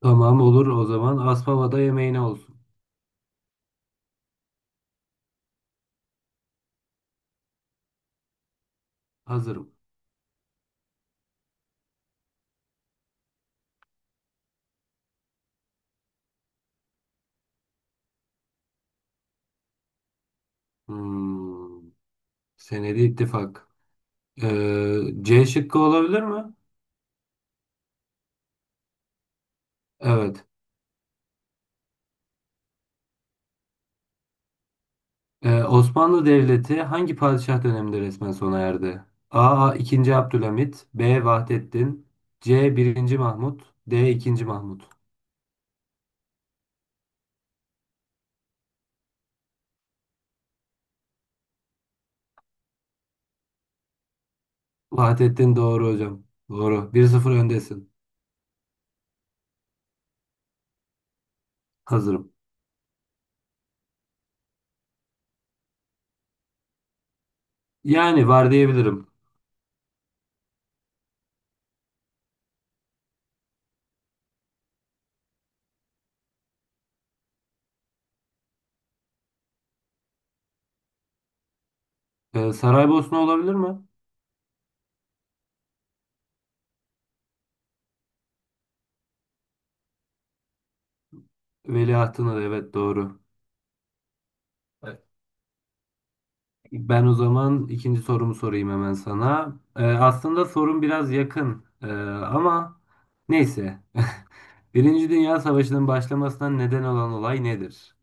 Tamam olur o zaman. Aspava'da yemeğine olsun. Hazırım. Hmm. Senedi ittifak. C şıkkı olabilir mi? Evet. Osmanlı Devleti hangi padişah döneminde resmen sona erdi? A. ikinci Abdülhamit, B. Vahdettin, C. birinci Mahmut, D. ikinci Mahmut. Vahdettin doğru hocam. Doğru. Bir sıfır öndesin. Hazırım. Yani var diyebilirim. Saraybosna olabilir mi? Veliahtına da evet doğru. Ben o zaman ikinci sorumu sorayım hemen sana. Aslında sorun biraz yakın ama neyse. Birinci Dünya Savaşı'nın başlamasına neden olan olay nedir?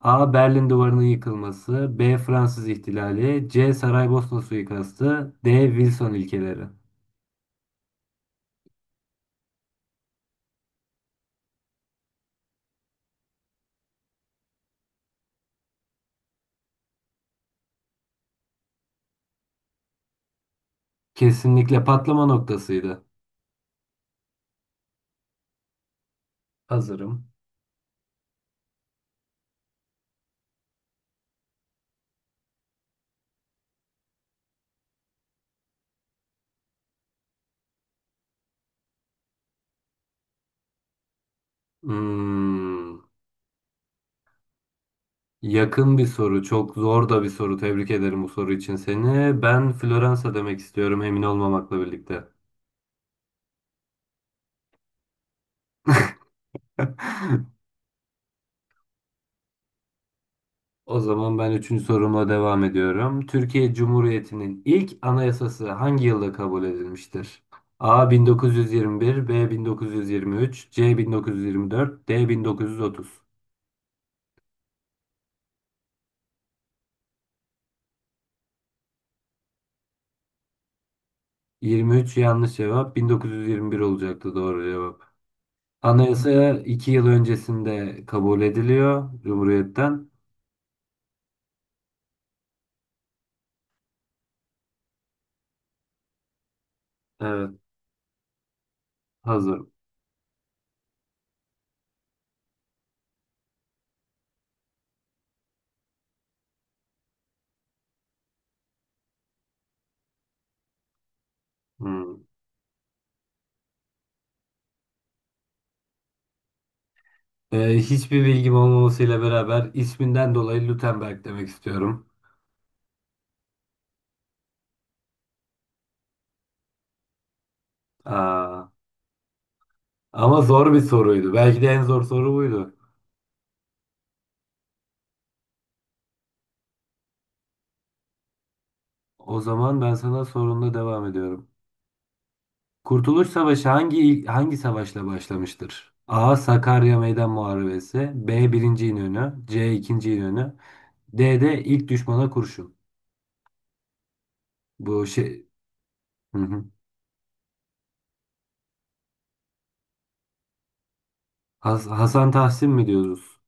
A. Berlin Duvarı'nın yıkılması, B. Fransız ihtilali, C. Saraybosna suikastı, D. Wilson ilkeleri. Kesinlikle patlama noktasıydı. Hazırım. Hmm, yakın bir soru, çok zor da bir soru. Tebrik ederim bu soru için seni. Ben Floransa demek istiyorum, emin olmamakla birlikte. O zaman ben üçüncü sorumla devam ediyorum. Türkiye Cumhuriyeti'nin ilk anayasası hangi yılda kabul edilmiştir? A 1921, B 1923, C 1924, D 1930. 23 yanlış cevap, 1921 olacaktı doğru cevap. Anayasa 2 yıl öncesinde kabul ediliyor Cumhuriyet'ten. Evet, hazırım. Hmm. Hiçbir bilgim olmamasıyla beraber isminden dolayı Gutenberg demek istiyorum. Aa. Ama zor bir soruydu. Belki de en zor soru buydu. O zaman ben sana sorumla devam ediyorum. Kurtuluş Savaşı hangi savaşla başlamıştır? A. Sakarya Meydan Muharebesi, B. Birinci İnönü, C. İkinci İnönü, D de ilk düşmana kurşun. Bu şey. Hı hı. Hasan Tahsin mi diyoruz?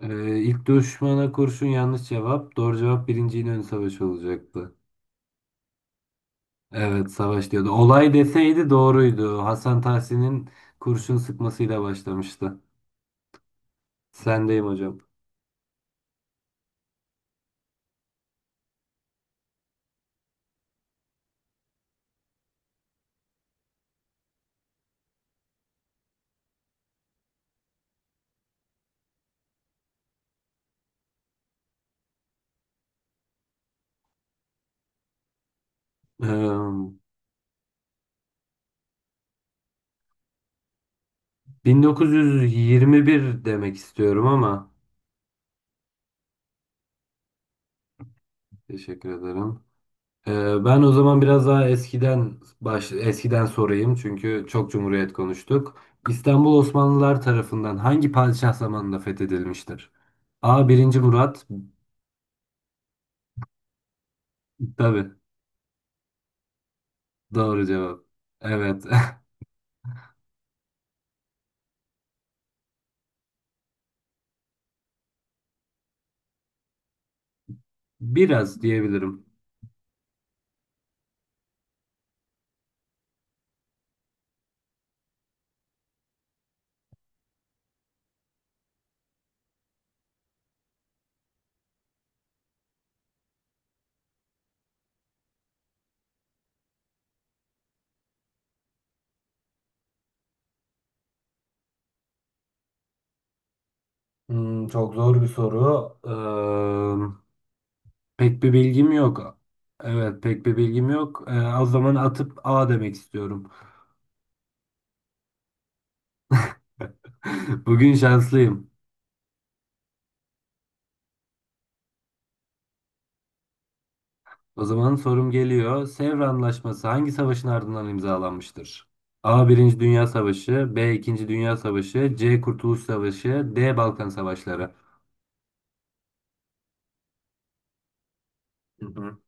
İlk düşmana kurşun yanlış cevap. Doğru cevap Birinci İnönü Savaşı olacaktı. Evet, savaş diyordu. Olay deseydi doğruydu. Hasan Tahsin'in kurşun sıkmasıyla başlamıştı. Sendeyim hocam. Ee, 1921 demek istiyorum ama teşekkür ederim. Ben o zaman biraz daha eskiden eskiden sorayım çünkü çok Cumhuriyet konuştuk. İstanbul Osmanlılar tarafından hangi padişah zamanında fethedilmiştir? A. birinci Murat. Tabii. Doğru cevap. Evet. Biraz diyebilirim. Hmm, çok zor bir soru. Pek bir bilgim yok. Evet, pek bir bilgim yok. O zaman atıp A demek istiyorum. Bugün şanslıyım. O zaman sorum geliyor. Sevr Anlaşması hangi savaşın ardından imzalanmıştır? A. Birinci Dünya Savaşı, B. İkinci Dünya Savaşı, C. Kurtuluş Savaşı, D. Balkan Savaşları. Hı hı.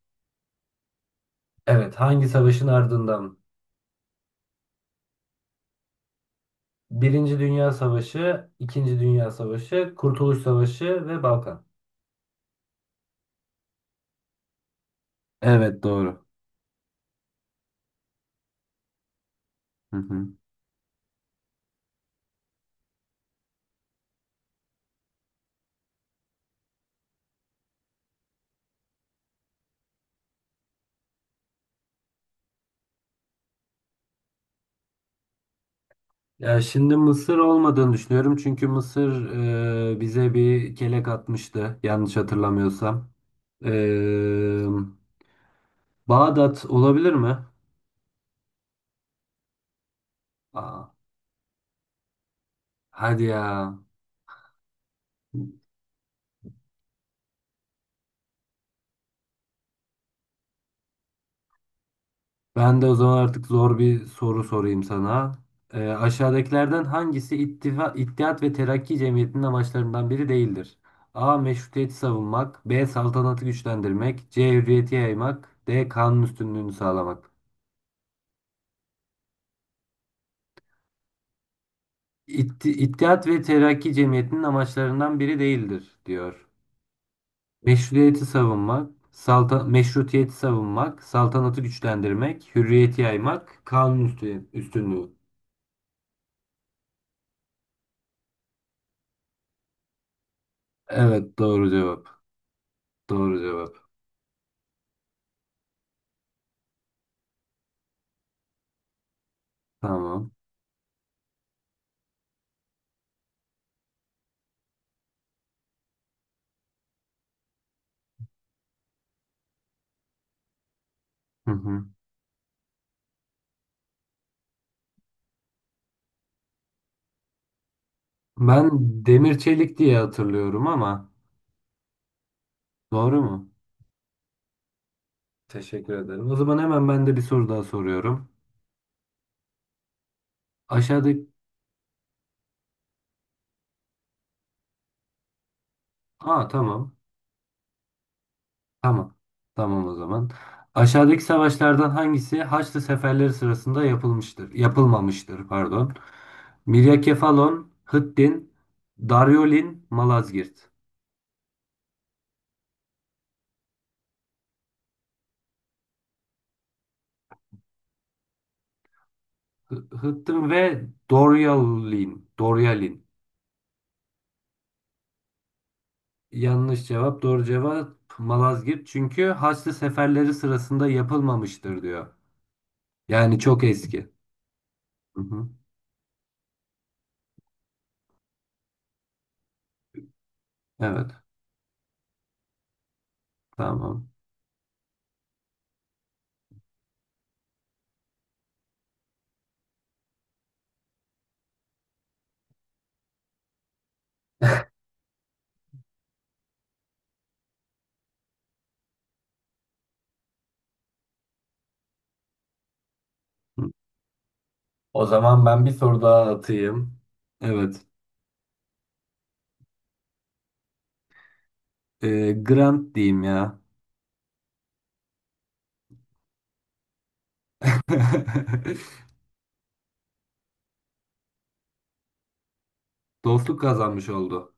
Evet, hangi savaşın ardından? Birinci Dünya Savaşı, İkinci Dünya Savaşı, Kurtuluş Savaşı ve Balkan. Evet, doğru. Hı hı. Ya şimdi Mısır olmadığını düşünüyorum çünkü Mısır bize bir kelek atmıştı yanlış hatırlamıyorsam. E, Bağdat olabilir mi? Aa, hadi ya. Ben de o zaman artık zor bir soru sorayım sana. Aşağıdakilerden hangisi İttihat ve Terakki Cemiyeti'nin amaçlarından biri değildir? A. Meşrutiyeti savunmak, B. Saltanatı güçlendirmek, C. Hürriyeti yaymak, D. Kanun üstünlüğünü sağlamak. İttihat ve Terakki Cemiyeti'nin amaçlarından biri değildir diyor. Meşrutiyeti savunmak, saltanatı güçlendirmek, hürriyeti yaymak, kanun üstünlüğü. Evet doğru cevap. Doğru cevap. Tamam. Hı hı. Ben demir çelik diye hatırlıyorum ama doğru mu? Teşekkür ederim. O zaman hemen ben de bir soru daha soruyorum. Aşağıdaki... Aa, tamam. Tamam. Tamam o zaman. Aşağıdaki savaşlardan hangisi Haçlı seferleri sırasında yapılmıştır? Yapılmamıştır, pardon. Miryakefalon, Hıttin, Daryolin, Malazgirt. Hıttin ve Doryalin. Doryalin. Yanlış cevap, doğru cevap Malazgirt. Çünkü Haçlı seferleri sırasında yapılmamıştır diyor. Yani çok eski. Hı hı. Evet, tamam. Hı. O zaman ben bir soru daha atayım. Evet. Grant diyeyim ya. Dostluk kazanmış oldu.